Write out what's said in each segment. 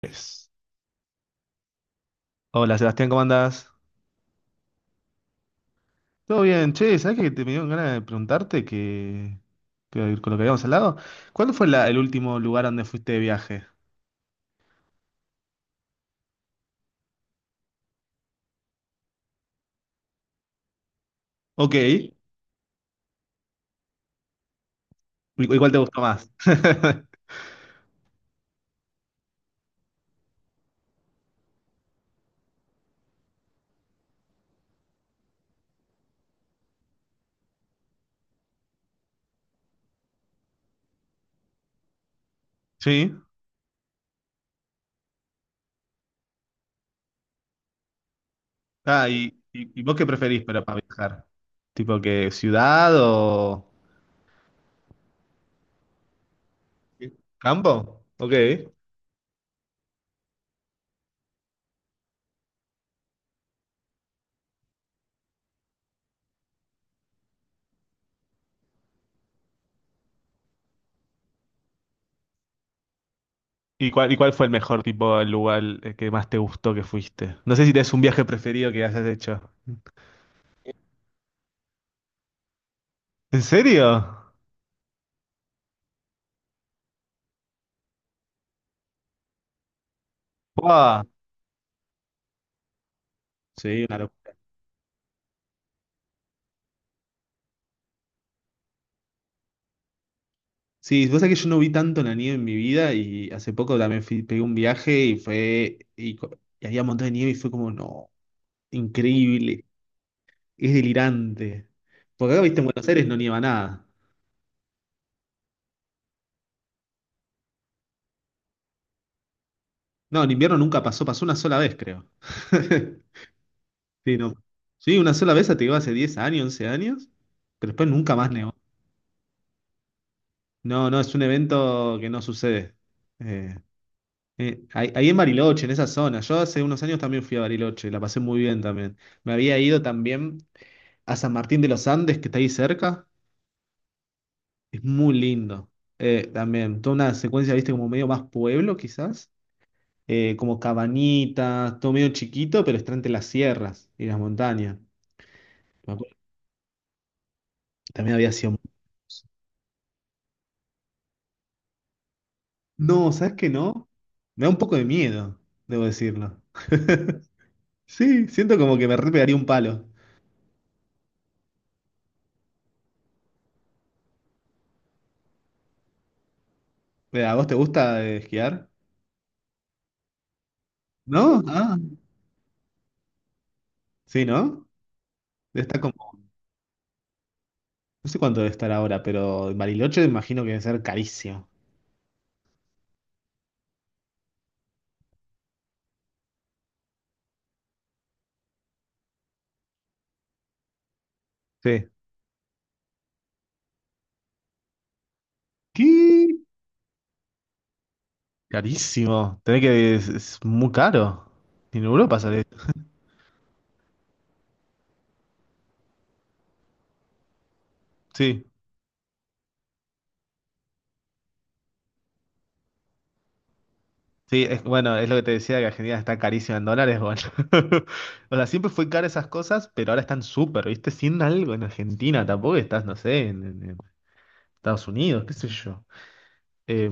Pues, hola Sebastián, ¿cómo andás? Todo bien, che, ¿sabés que te me dieron ganas de preguntarte que con lo que habíamos hablado? ¿Cuándo fue el último lugar donde fuiste de viaje? Ok, ¿y y cuál te gustó más? Sí, ah, y vos, ¿qué preferís para viajar? ¿Tipo que ciudad o campo? Ok. ¿Y cuál fue el mejor tipo, el lugar, que más te gustó, que fuiste? No sé si tenés un viaje preferido que hayas hecho. ¿En serio? ¡Wow! Sí, una locura. Sí, vos sabés que yo no vi tanto la nieve en mi vida y hace poco también pegué un viaje y fue y, y había un montón de nieve y fue como, no, increíble, es delirante. Porque acá, viste, en Buenos Aires no nieva nada. No, en invierno nunca pasó, una sola vez, creo. Sí, no. Sí, una sola vez, te digo, hace 10 años, 11 años, pero después nunca más nevó. No, no, es un evento que no sucede. Eh, ahí en Bariloche, en esa zona. Yo hace unos años también fui a Bariloche, la pasé muy bien también. Me había ido también a San Martín de los Andes, que está ahí cerca. Es muy lindo. También, toda una secuencia, viste, como medio más pueblo, quizás. Como cabanitas, todo medio chiquito, pero está entre las sierras y las montañas. Me acuerdo que también había sido. No, ¿sabes qué? No. Me da un poco de miedo, debo decirlo. Sí, siento como que me re pegaría un palo. ¿A vos te gusta, esquiar? ¿No? Ah, sí, ¿no? Está como, no sé cuánto debe estar ahora, pero en Bariloche imagino que debe ser carísimo. Sí. ¿Qué? Carísimo. Tenés que. Es muy caro. En Europa sale. Sí. Sí, es, bueno, es lo que te decía, que Argentina está carísima en dólares, bueno. O sea, siempre fue cara esas cosas, pero ahora están súper, ¿viste? Sin algo en Argentina, tampoco estás, no sé, en, en Estados Unidos, qué sé yo. Eh,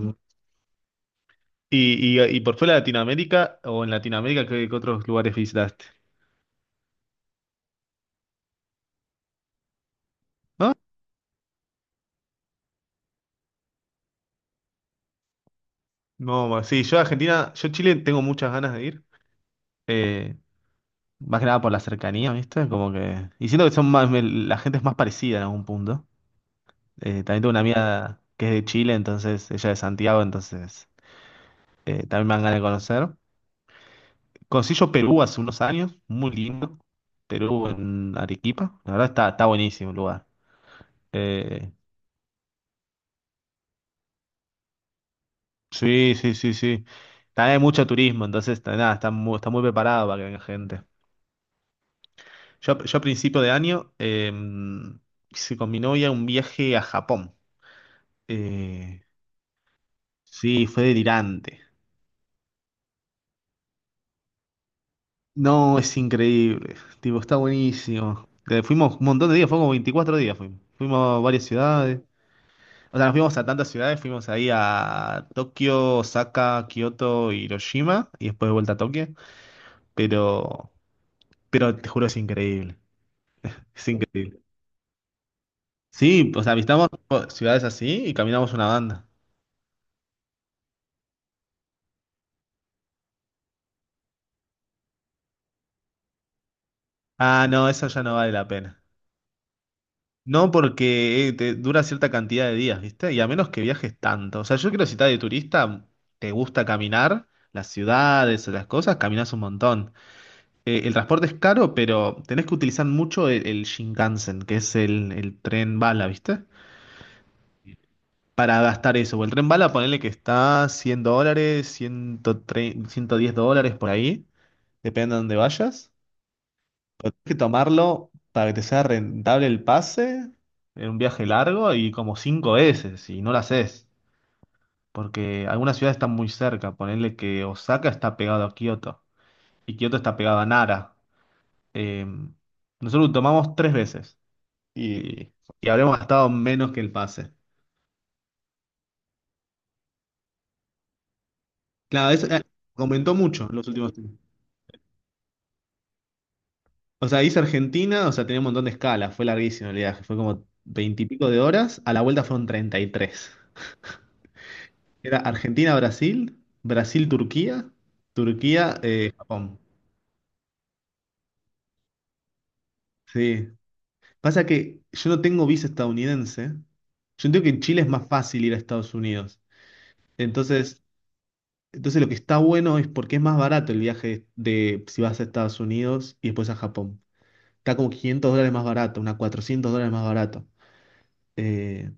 y por fuera de Latinoamérica, o en Latinoamérica, ¿qué otros lugares visitaste? ¿No? No, bueno, sí, yo a Argentina, yo a Chile tengo muchas ganas de ir. Eh, Más que nada por la cercanía, ¿viste? Como que. Y siento que son más, la gente es más parecida en algún punto. También tengo una amiga que es de Chile, entonces ella es de Santiago, entonces, también me dan ganas de conocer. Conocí yo Perú hace unos años, muy lindo. Perú, en Arequipa. La verdad está, buenísimo el lugar. Eh, sí, sí, sí, sí. También hay mucho turismo, entonces, nada, está muy preparado para que venga gente. Yo a principio de año, hice con mi novia un viaje a Japón. Eh, Sí, fue delirante. No, es increíble. Tipo, está buenísimo. Fuimos un montón de días, fuimos como 24 días. Fuimos a varias ciudades. O sea, nos fuimos a tantas ciudades, fuimos ahí a Tokio, Osaka, Kioto, Hiroshima y después de vuelta a Tokio. Pero, pero te juro, es increíble. Es increíble. Sí, o sea, visitamos ciudades así y caminamos una banda. Ah, no, eso ya no vale la pena. No, porque, te dura cierta cantidad de días, ¿viste? Y a menos que viajes tanto. O sea, yo creo que si estás de turista, te gusta caminar, las ciudades, las cosas, caminas un montón. El transporte es caro, pero tenés que utilizar mucho el, el, Shinkansen, que es el tren bala, ¿viste? Para gastar eso. O el tren bala, ponele que está $100, $110 por ahí, depende de dónde vayas. Pero tenés que tomarlo para que te sea rentable el pase en un viaje largo y como cinco veces, y no lo haces. Porque algunas ciudades están muy cerca. Ponerle que Osaka está pegado a Kioto y Kioto está pegado a Nara. Eh, nosotros lo tomamos tres veces y, y habremos gastado menos que el pase. Claro, eso, aumentó mucho en los últimos tiempos. O sea, hice Argentina, o sea, tenía un montón de escalas. Fue larguísimo el viaje. Fue como veintipico de horas. A la vuelta fueron 33. Era Argentina-Brasil, Brasil-Turquía, Turquía-Japón. Sí. Pasa que yo no tengo visa estadounidense. Yo entiendo que en Chile es más fácil ir a Estados Unidos. Entonces, entonces lo que está bueno es porque es más barato el viaje, de si vas a Estados Unidos y después a Japón. Está como $500 más barato, unas $400 más barato. Eh,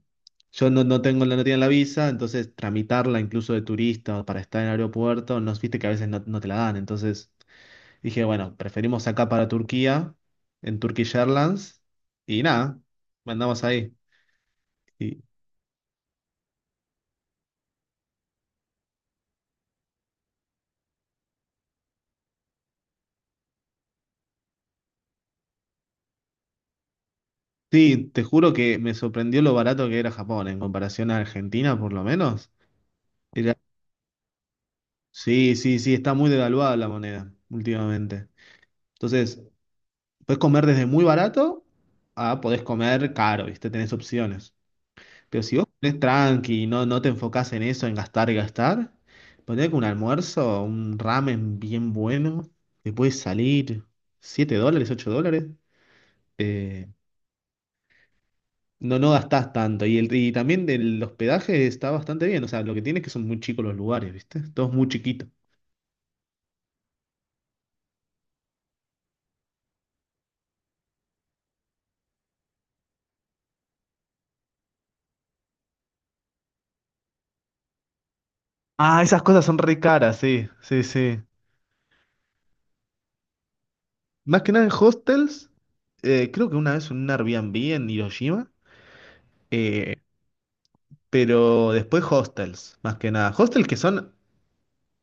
yo no, no tengo la no tenía la visa, entonces tramitarla incluso de turista o para estar en el aeropuerto, no, viste que a veces no te la dan. Entonces, dije, bueno, preferimos acá para Turquía, en Turkish Airlines, y nada, mandamos ahí. Y sí, te juro que me sorprendió lo barato que era Japón, en comparación a Argentina, por lo menos. Era- sí, sí, sí, está muy devaluada la moneda últimamente. Entonces, puedes comer desde muy barato, a podés comer caro, ¿viste? Tenés opciones. Pero si vos ponés tranqui y no te enfocás en eso, en gastar y gastar, ponés que un almuerzo, un ramen bien bueno, te puede salir $7, $8. Eh, no gastás tanto. Y también el hospedaje está bastante bien. O sea, lo que tiene es que son muy chicos los lugares, ¿viste? Todos muy chiquitos. Ah, esas cosas son re caras, sí, sí, sí. Más que nada en hostels, creo que una vez en un Airbnb en Hiroshima, eh, pero después hostels, más que nada. Hostels que son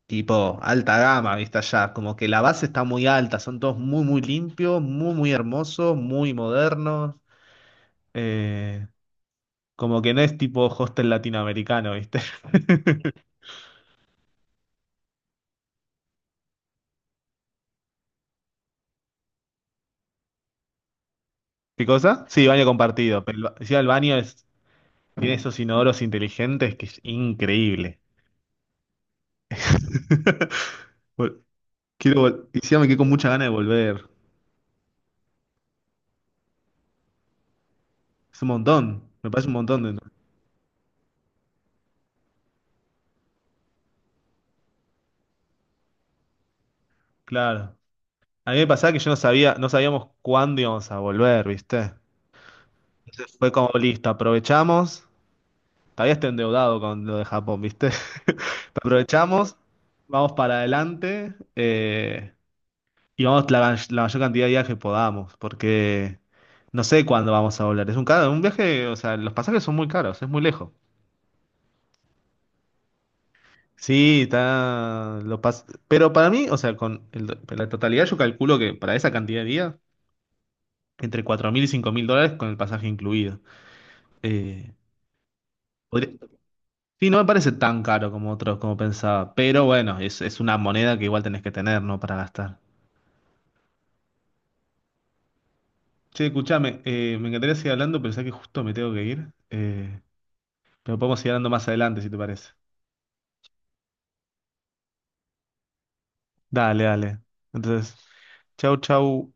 tipo alta gama, ¿viste? Allá, como que la base está muy alta, son todos muy, muy limpios, muy, muy hermosos, muy modernos. eh, como que no es tipo hostel latinoamericano, ¿viste? ¿Qué cosa? Sí, baño compartido, pero el, encima el baño es, tiene esos inodoros inteligentes, que es increíble. Bueno, encima me quedé con mucha ganas de volver. Es un montón, me parece un montón de... Claro. A mí me pasaba que yo no sabía, no sabíamos cuándo íbamos a volver, ¿viste? Fue como listo, aprovechamos. Todavía estoy endeudado con lo de Japón, ¿viste? Pero aprovechamos, vamos para adelante, y vamos la, la mayor cantidad de días que podamos, porque no sé cuándo vamos a volver. Es un caro, un viaje, o sea, los pasajes son muy caros, es muy lejos. Sí, está. Lo pas Pero para mí, o sea, con la totalidad, yo calculo que para esa cantidad de días, entre 4.000 y $5.000 con el pasaje incluido. Eh, podría- Sí, no me parece tan caro como otros, como pensaba. Pero bueno, es una moneda que igual tenés que tener, ¿no? Para gastar. Che, escuchame, me encantaría seguir hablando, pero ya que justo me tengo que ir, pero podemos seguir hablando más adelante, si te parece. Dale, dale. Entonces, chau, chau.